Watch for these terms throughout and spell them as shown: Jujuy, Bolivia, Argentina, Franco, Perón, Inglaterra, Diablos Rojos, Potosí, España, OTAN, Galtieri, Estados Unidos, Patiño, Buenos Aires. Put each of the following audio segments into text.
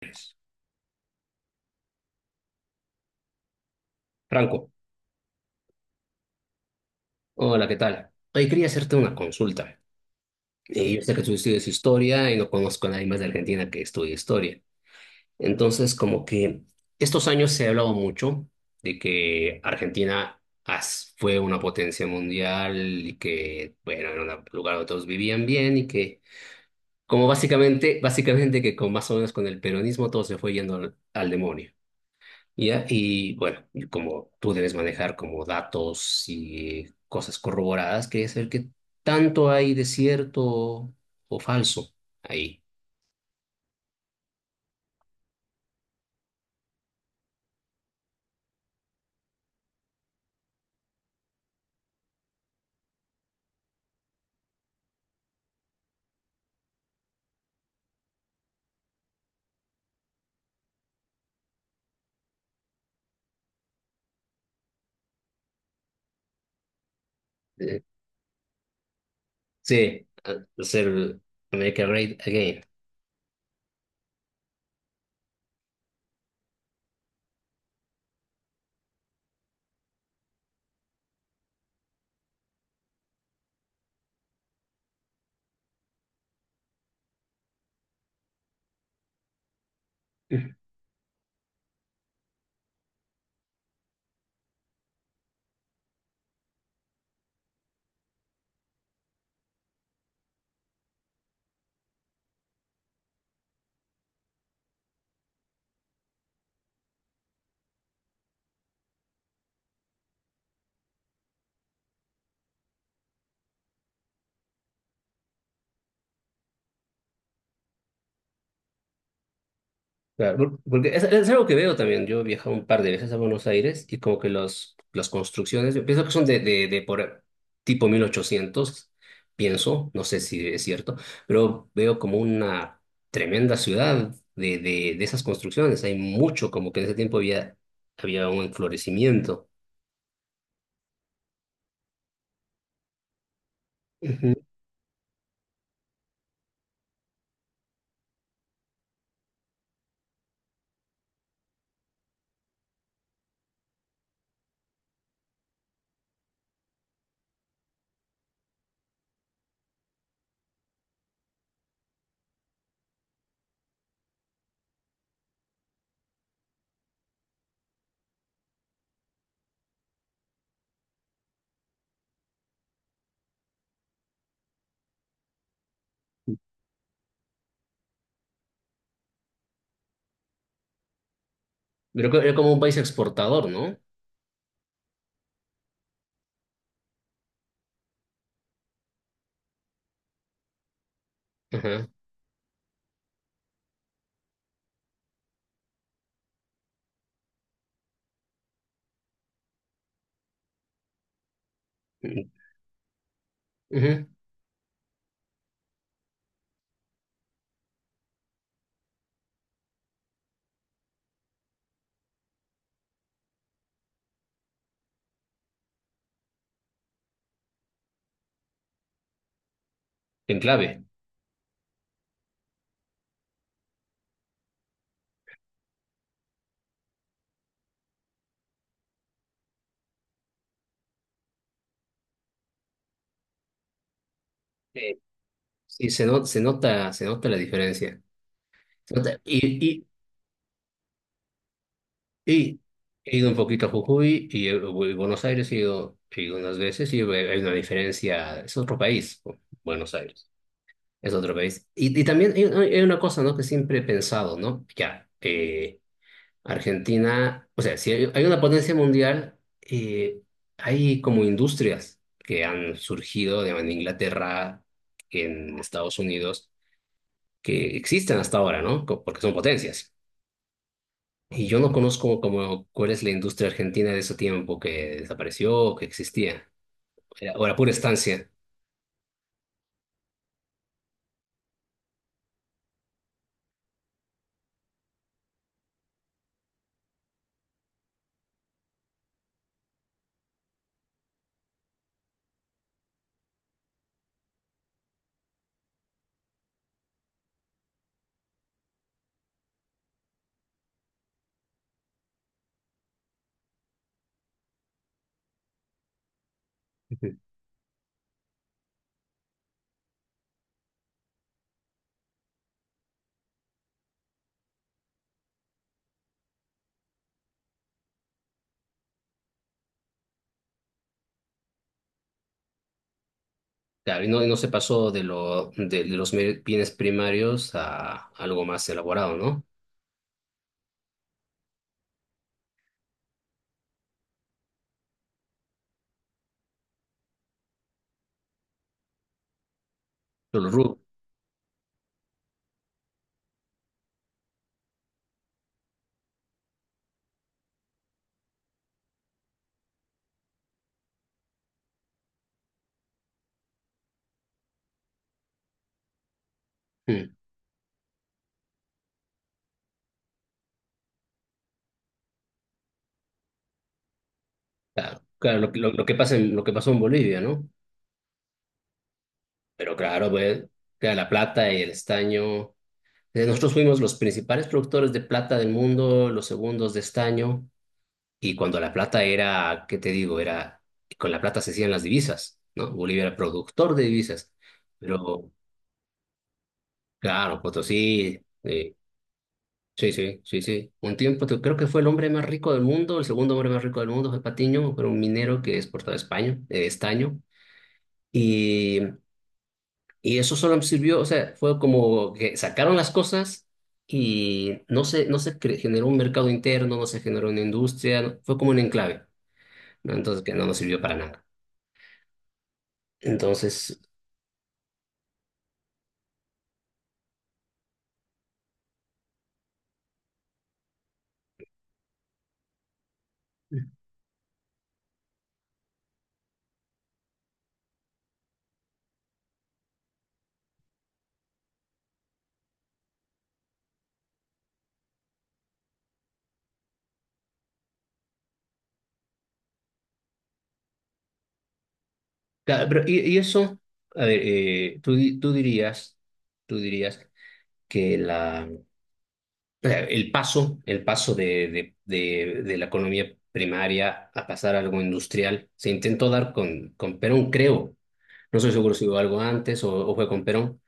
Pues, Franco, hola, ¿qué tal? Hoy quería hacerte una consulta. Yo sé que tú estudias historia y no conozco a nadie más de Argentina que estudie historia. Entonces, como que estos años se ha hablado mucho de que Argentina fue una potencia mundial y que, bueno, era un lugar donde todos vivían bien y que, como básicamente que con más o menos con el peronismo todo se fue yendo al demonio. Ya, y bueno, y como tú debes manejar como datos y cosas corroboradas, quería saber qué tanto hay de cierto o falso ahí. Eh, Sí, hacer Make a Great Again. Claro, porque es algo que veo también. Yo he viajado un par de veces a Buenos Aires y como que las construcciones, yo pienso que son de por tipo 1800 pienso, no sé si es cierto, pero veo como una tremenda ciudad de esas construcciones. Hay mucho, como que en ese tiempo había un enflorecimiento. Ujú. Pero que era como un país exportador, ¿no? Ajá. Ujú. Enclave. Eh, Sí, se, no- se nota la diferencia. Se nota- Y, Y he ido un poquito a Jujuy y voy a Buenos Aires he ido unas veces y hay una diferencia, es otro país, Buenos Aires, es otro país. Y también hay una cosa, ¿no? Que siempre he pensado, ¿no? Ya, Argentina, o sea, si hay una potencia mundial, eh, hay como industrias que han surgido digamos, en Inglaterra, en Estados Unidos, que existen hasta ahora, ¿no? Porque son potencias. Y yo no conozco como cuál es la industria argentina de ese tiempo que desapareció o que existía. Era, o era pura estancia. Ujú. Claro, y no se pasó de los bienes primarios a algo más elaborado, ¿no? Solo rubro. Mm, claro, lo que pasa en, lo que pasó en Bolivia, ¿no? Pero claro, pues, queda la plata y el estaño. Nosotros fuimos los principales productores de plata del mundo, los segundos de estaño. Y cuando la plata era, ¿qué te digo? Era, con la plata se hacían las divisas, ¿no? Bolivia era productor de divisas. Pero, claro, Potosí, sí, sí, sí, sí. Un tiempo, creo que fue el hombre más rico del mundo, el segundo hombre más rico del mundo fue Patiño, pero un minero que exportaba España, estaño. Y, y eso solo sirvió, o sea, fue como que sacaron las cosas y no se cre- generó un mercado interno, no se generó una industria, fue como un enclave, ¿no? Entonces, que no nos sirvió para nada. Entonces, claro, pero y eso, a ver, tú dirías que la, o sea, el paso de la economía primaria a pasar a algo industrial, se intentó dar con Perón, creo. No soy seguro si hubo algo antes o fue con Perón,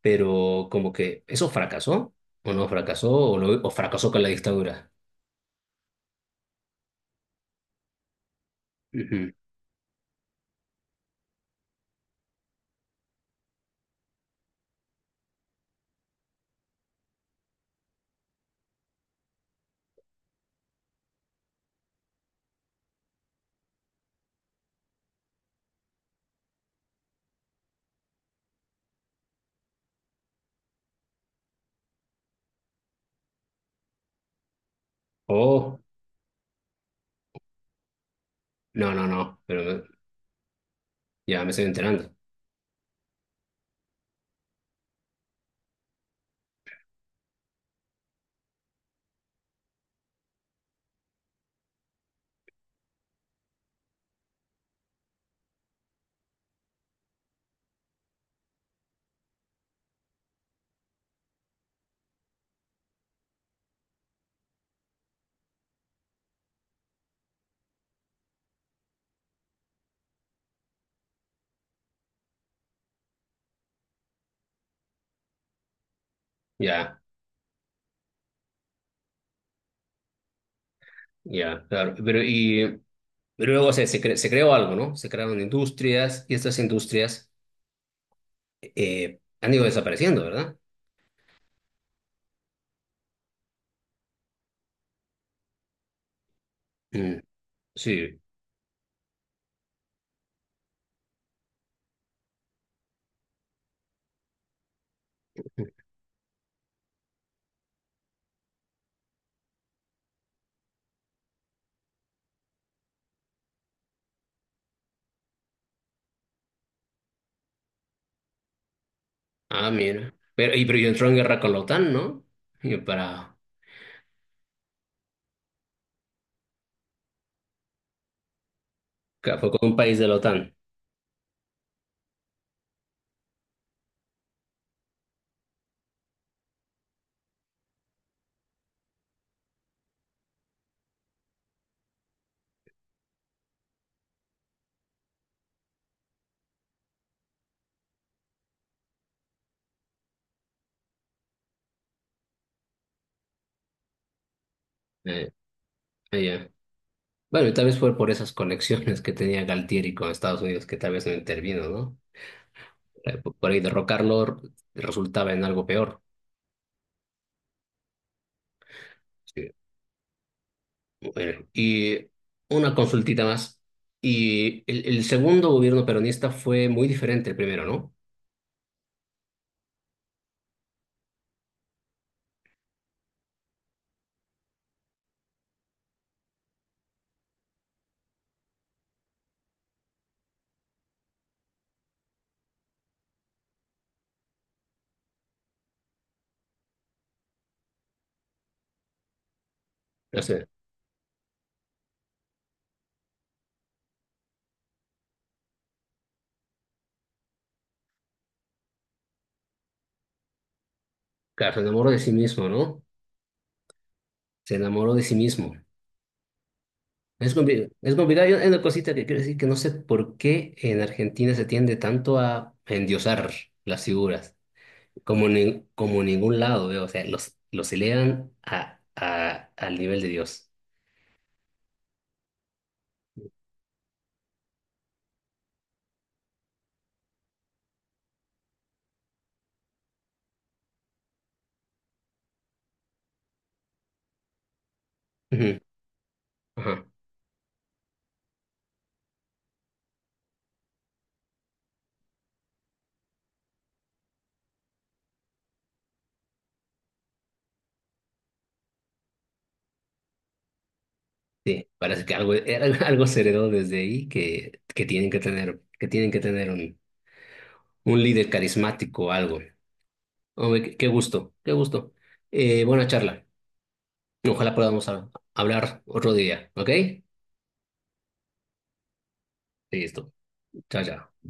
pero como que eso fracasó, o no fracasó, o fracasó con la dictadura. Ujú. Oh, no, no, no, pero ya me estoy enterando. Ya, ya, claro. Pero y. Luego se creó algo, ¿no? Se crearon industrias y estas industrias han ido desapareciendo, ¿verdad? Mm, sí. Ah, mira. Pero, y, pero yo entró en guerra con la OTAN, ¿no? Y para, fue con un país de la OTAN. Eh, ah, ya. Bueno, y tal vez fue por esas conexiones que tenía Galtieri con Estados Unidos que tal vez no intervino, ¿no? Por ahí derrocarlo resultaba en algo peor. Sí. Bueno, y una consultita más. Y el segundo gobierno peronista fue muy diferente al primero, ¿no? O sea, claro, se enamoró de sí mismo, ¿no? Se enamoró de sí mismo. Es complicado. Es complicado. Hay una cosita que quiero decir que no sé por qué en Argentina se tiende tanto a endiosar las figuras, como en, como en ningún lado, veo. O sea, los elevan al nivel de Dios. Ujú, ajá. Sí, parece que algo, era algo se heredó desde ahí que tienen que tener, que tienen que tener un líder carismático o algo. Hombre, qué, qué gusto, qué gusto. Buena charla. Ojalá podamos hablar otro día, ¿ok? Listo. Chao, chao.